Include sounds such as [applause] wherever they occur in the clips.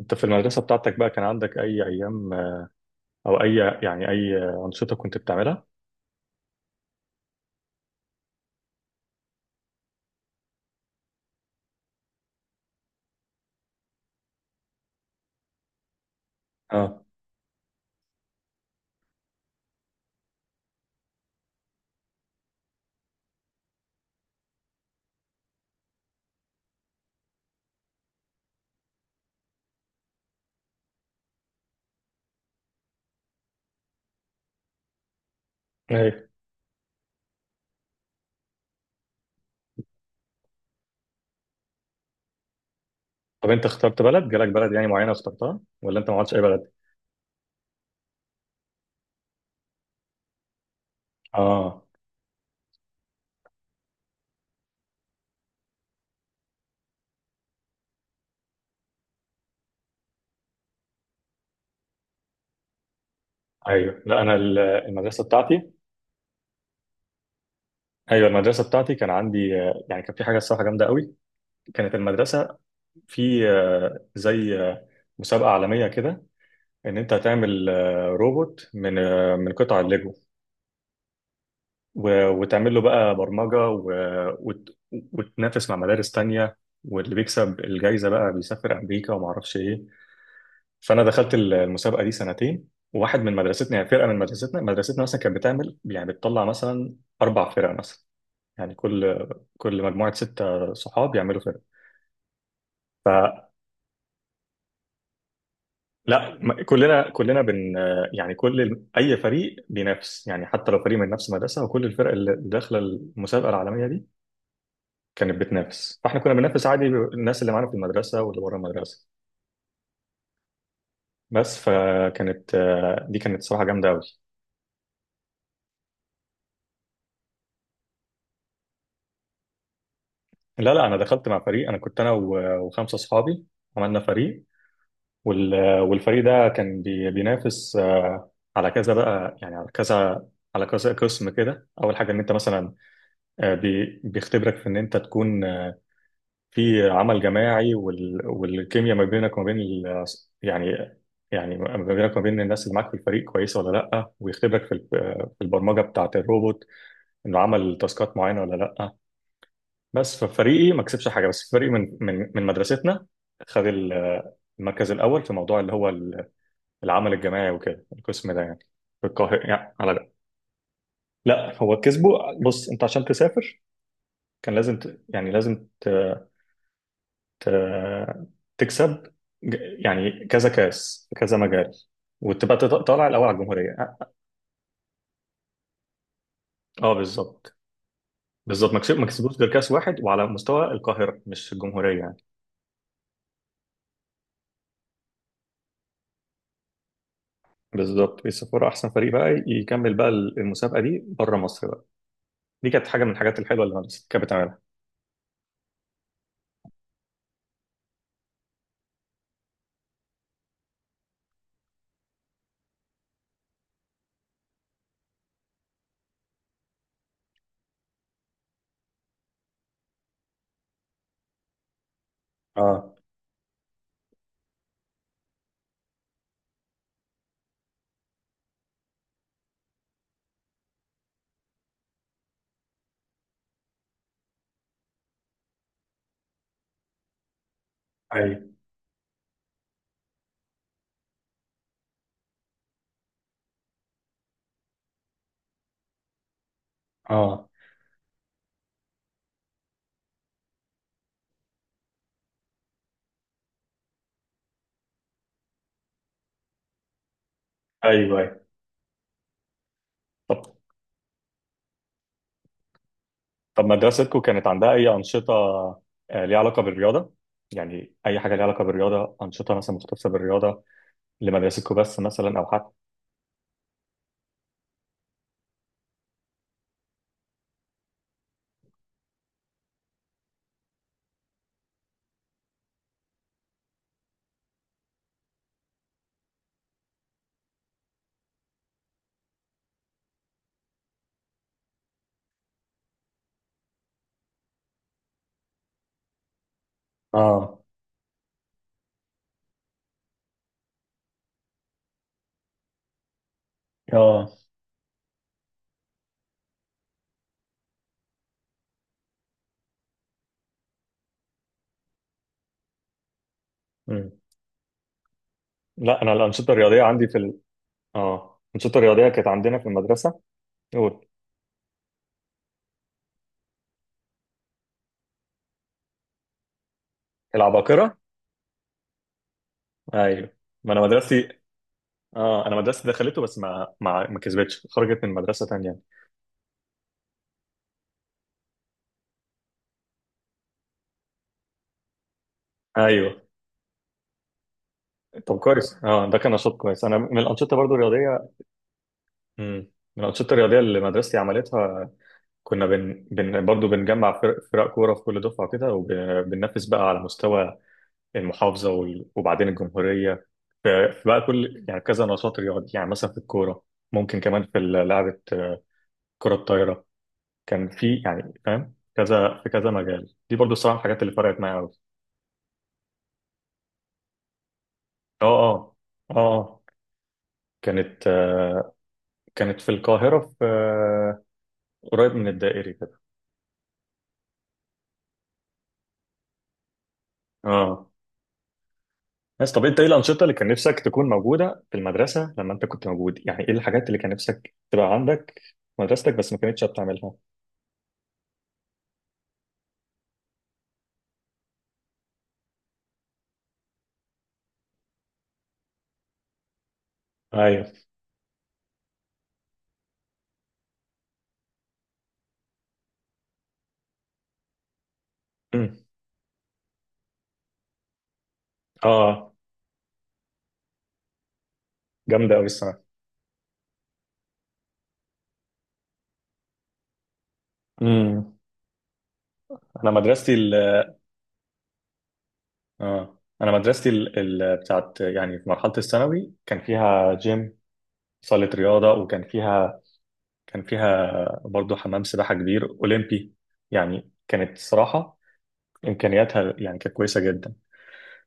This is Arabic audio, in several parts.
انت في المدرسة بتاعتك بقى كان عندك اي ايام او اي يعني اي انشطة كنت بتعملها؟ اه. ايوه. طب انت اخترت بلد؟ جالك بلد يعني معينة واخترتها؟ ولا انت ما عملتش اي بلد؟ اه، ايوه. لا انا المدرسة بتاعتي. ايوه، المدرسة بتاعتي كان عندي يعني كان في حاجة الصراحة جامدة قوي. كانت المدرسة في زي مسابقة عالمية كده، ان انت هتعمل روبوت من من قطع الليجو وتعمل له بقى برمجة وتنافس مع مدارس تانية، واللي بيكسب الجايزة بقى بيسافر أمريكا وما أعرفش إيه. فأنا دخلت المسابقة دي سنتين، وواحد من مدرستنا يعني فرقة من مدرستنا، مدرستنا مثلا كانت بتعمل يعني بتطلع مثلا أربع فرق مثلا، يعني كل كل مجموعة ستة صحاب يعملوا فرقة. فلا، كلنا يعني كل أي فريق بينافس، يعني حتى لو فريق من نفس المدرسة، وكل الفرق اللي داخلة المسابقة العالمية دي كانت بتنافس. فاحنا كنا بننافس عادي الناس اللي معانا في المدرسه واللي بره المدرسه بس. فكانت دي كانت صراحه جامده قوي. لا لا، انا دخلت مع فريق. انا كنت انا وخمسه اصحابي عملنا فريق، والفريق ده كان بينافس على كذا بقى، يعني على كذا، على كذا قسم كده. اول حاجه ان انت مثلا بيختبرك في ان انت تكون في عمل جماعي، والكيمياء ما بينك وما بين يعني يعني ما بينك وما بين الناس اللي معاك في الفريق كويسه ولا لا، ويختبرك في في البرمجه بتاعه الروبوت، انه عمل تاسكات معينه ولا لا. بس في فريقي ما كسبش حاجه. بس في فريقي من من مدرستنا، خد المركز الاول في موضوع اللي هو العمل الجماعي وكده، القسم ده يعني، في القاهره يعني على ده. لا هو كسبه. بص، انت عشان تسافر كان لازم يعني لازم ت- تكسب يعني كذا كاس في كذا مجال، وتبقى طالع الاول على الجمهوريه. اه، بالظبط، بالظبط. ما كسبوش غير كاس واحد وعلى مستوى القاهره مش الجمهوريه يعني. بالظبط، السفاره احسن فريق بقى يكمل بقى المسابقه دي بره مصر بقى. دي كانت حاجه من الحاجات الحلوه اللي مدرستي كانت بتعملها. اه، ايوه. اه، ايوه، ايوه. طب، طب مدرستكم كانت عندها اي انشطه ليها علاقه بالرياضه؟ يعني اي حاجه ليها علاقه بالرياضه، انشطه مثلا مختصه بالرياضه لمدرستكم بس مثلا، او حتى. اه، اه. مم. لا انا الانشطه الرياضيه عندي في اه، الانشطه الرياضيه كانت عندنا في المدرسه. قول. العباقره، ايوه. ما انا مدرستي، اه انا مدرستي دخلته بس ما ما ما كسبتش، خرجت من مدرسه تانية. ايوه. طب كويس. اه ده كان نشاط كويس. انا من الانشطه برضو الرياضيه، مم. من الانشطه الرياضيه اللي مدرستي عملتها، كنا برضو بنجمع فرق كوره في كل دفعه كده، وبننافس بقى على مستوى المحافظه وبعدين الجمهوريه. فبقى كل يعني كذا نشاط رياضي، يعني مثلا في الكوره، ممكن كمان في لعبه كره الطايره. كان في يعني فاهم كذا في كذا مجال. دي برضو الصراحه الحاجات اللي فرقت معايا قوي. اه. اه. اه كانت كانت في القاهره في قريب من الدائري كده. اه. بس طب انت ايه الانشطه اللي كان نفسك تكون موجوده في المدرسه لما انت كنت موجود؟ يعني ايه الحاجات اللي كان نفسك تبقى عندك في مدرستك بس ما كانتش بتعملها؟ ايوه. أمم. اه، آه. جامده قوي. امم. انا مدرستي ال، اه انا مدرستي بتاعت يعني في مرحله الثانوي كان فيها جيم، صاله رياضه، وكان فيها كان فيها برضه حمام سباحه كبير اولمبي. يعني كانت صراحه امكانياتها يعني كانت كويسه جدا.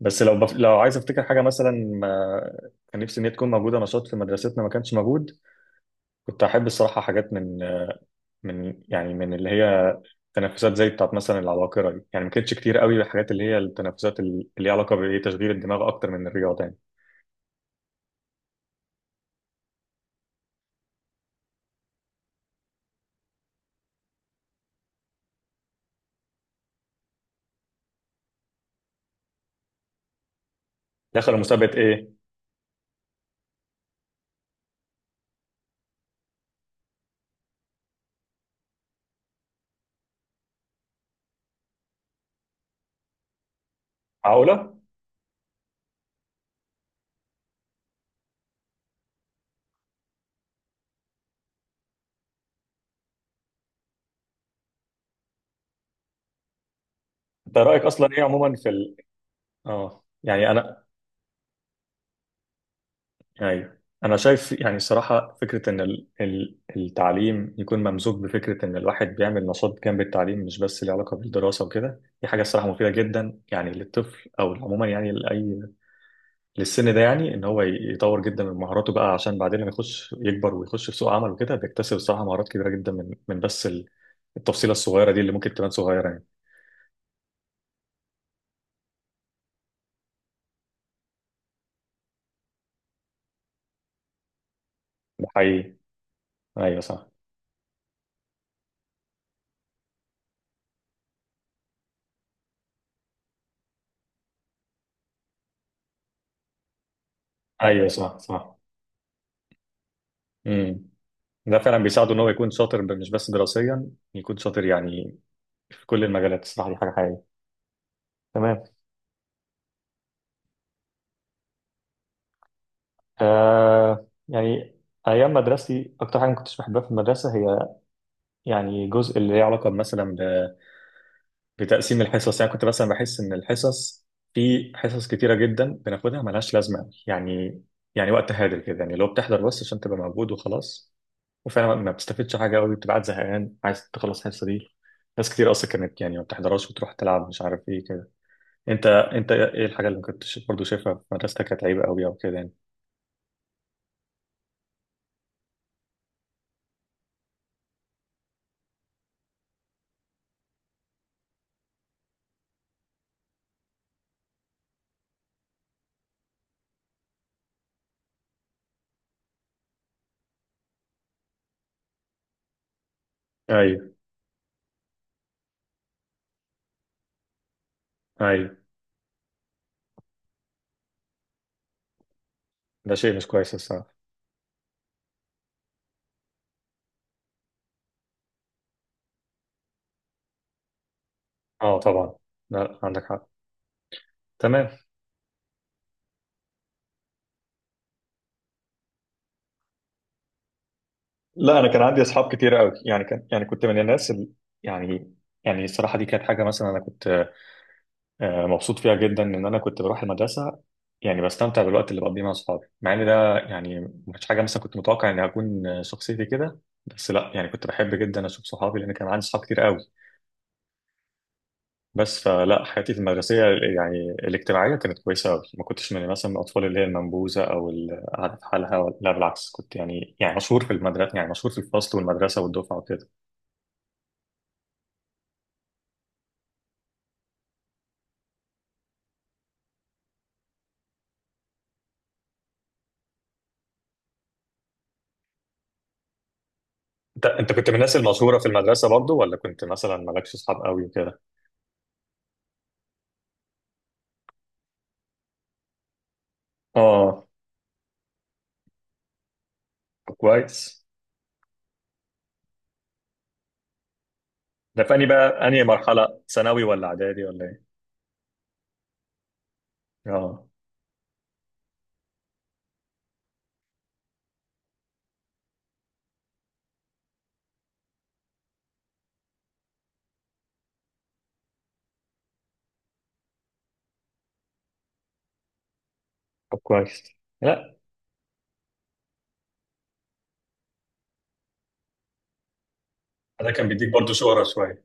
بس لو لو عايز افتكر حاجه مثلا ما... كان نفسي ان هي تكون موجوده نشاط في مدرستنا ما كانش موجود، كنت احب الصراحه حاجات من من يعني من اللي هي تنافسات زي بتاعت مثلا العباقرة دي. يعني ما كانتش كتير قوي بالحاجات اللي هي التنافسات اللي ليها علاقة بإيه، تشغيل الدماغ أكتر من الرياضة يعني. دخلوا مسابقة إيه؟ عقلة؟ أنت رأيك أصلا إيه عموما في آه يعني أنا، يعني أنا شايف يعني الصراحة فكرة إن التعليم يكون ممزوج بفكرة إن الواحد بيعمل نشاط جنب التعليم، مش بس ليه علاقة بالدراسة وكده، دي حاجة الصراحة مفيدة جدا يعني للطفل أو عموما يعني لأي للسن ده. يعني ان هو يطور جدا من مهاراته بقى عشان بعدين لما يخش يكبر ويخش في سوق عمل وكده بيكتسب الصراحه مهارات كبيره جدا من من بس التفصيله الصغيره دي اللي ممكن تبان صغيره يعني. ده حقيقي. ايوه صح. ايوه صح صح. امم. ده فعلا بيساعده ان هو يكون شاطر، مش بس دراسيا يكون شاطر يعني في كل المجالات. الصراحه دي حاجه حقيقيه. تمام. آه يعني ايام مدرستي اكتر حاجه ما كنتش بحبها في المدرسه هي يعني جزء اللي ليه علاقه مثلا بتقسيم الحصص. يعني كنت مثلا بحس ان الحصص في حصص كتيره جدا بناخدها ملهاش لازمه يعني، يعني وقت هادر كده، يعني لو بتحضر بس عشان تبقى موجود وخلاص، وفعلا ما بتستفدش حاجه قوي، بتبقى قاعد زهقان عايز تخلص الحصه دي. ناس كتير اصلا كانت يعني ما بتحضرهاش وتروح تلعب مش عارف ايه كده. انت ايه الحاجه اللي كنت برضه شايفها في مدرستك كانت عيب قوي او كده يعني؟ ايوه. ايوه. ده شيء مش كويس الصراحه. اه طبعا. لا عندك حق. تمام. لا انا كان عندي اصحاب كتير قوي. يعني كان يعني كنت من الناس يعني، يعني الصراحه دي كانت حاجه مثلا انا كنت مبسوط فيها جدا ان انا كنت بروح المدرسه. يعني بستمتع بالوقت اللي بقضيه مع اصحابي، مع ان ده يعني ما كانش حاجه مثلا كنت متوقع اني هكون شخصيتي كده، بس لا، يعني كنت بحب جدا اشوف صحابي لان كان عندي صحاب كتير قوي بس. فلا حياتي في المدرسيه يعني الاجتماعيه كانت كويسه قوي، ما كنتش من مثلا من الاطفال اللي هي المنبوذه او القاعده في حالها، لا بالعكس كنت يعني يعني مشهور في المدرسه، يعني مشهور في الفصل والمدرسه والدفعه وكده. انت كنت من الناس المشهوره في المدرسه برضو، ولا كنت مثلا مالكش اصحاب قوي وكده؟ اه. طب كويس. ده في انهي بقى، انهي مرحله، ثانوي ولا اعدادي ولا ايه؟ اه. طب كويس. لا، ده كان بيديك برضو شهره شويه.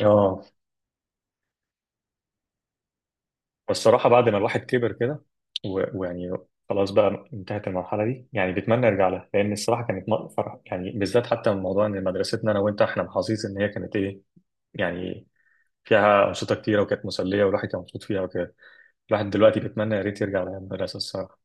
اه. والصراحه بعد ما الواحد كبر كده ويعني خلاص بقى انتهت المرحله دي، يعني بيتمنى يرجع لها لان الصراحه كانت فرح يعني، بالذات حتى من موضوع ان مدرستنا انا وانت احنا محظوظين ان هي كانت ايه يعني، فيها انشطه كتيره وكانت مسليه والواحد كان مبسوط فيها وكده. الواحد دلوقتي بيتمنى يا ريت يرجع لأيام المدرسة الصراحة.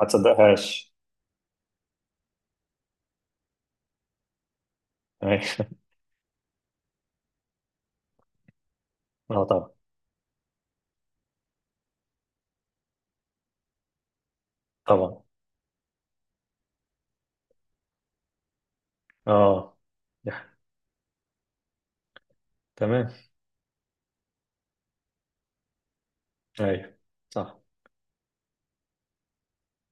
ما تصدقهاش. أيوة. [laughs] اه طبعا. طبعا. اه. يح. تمام. ايوه صح.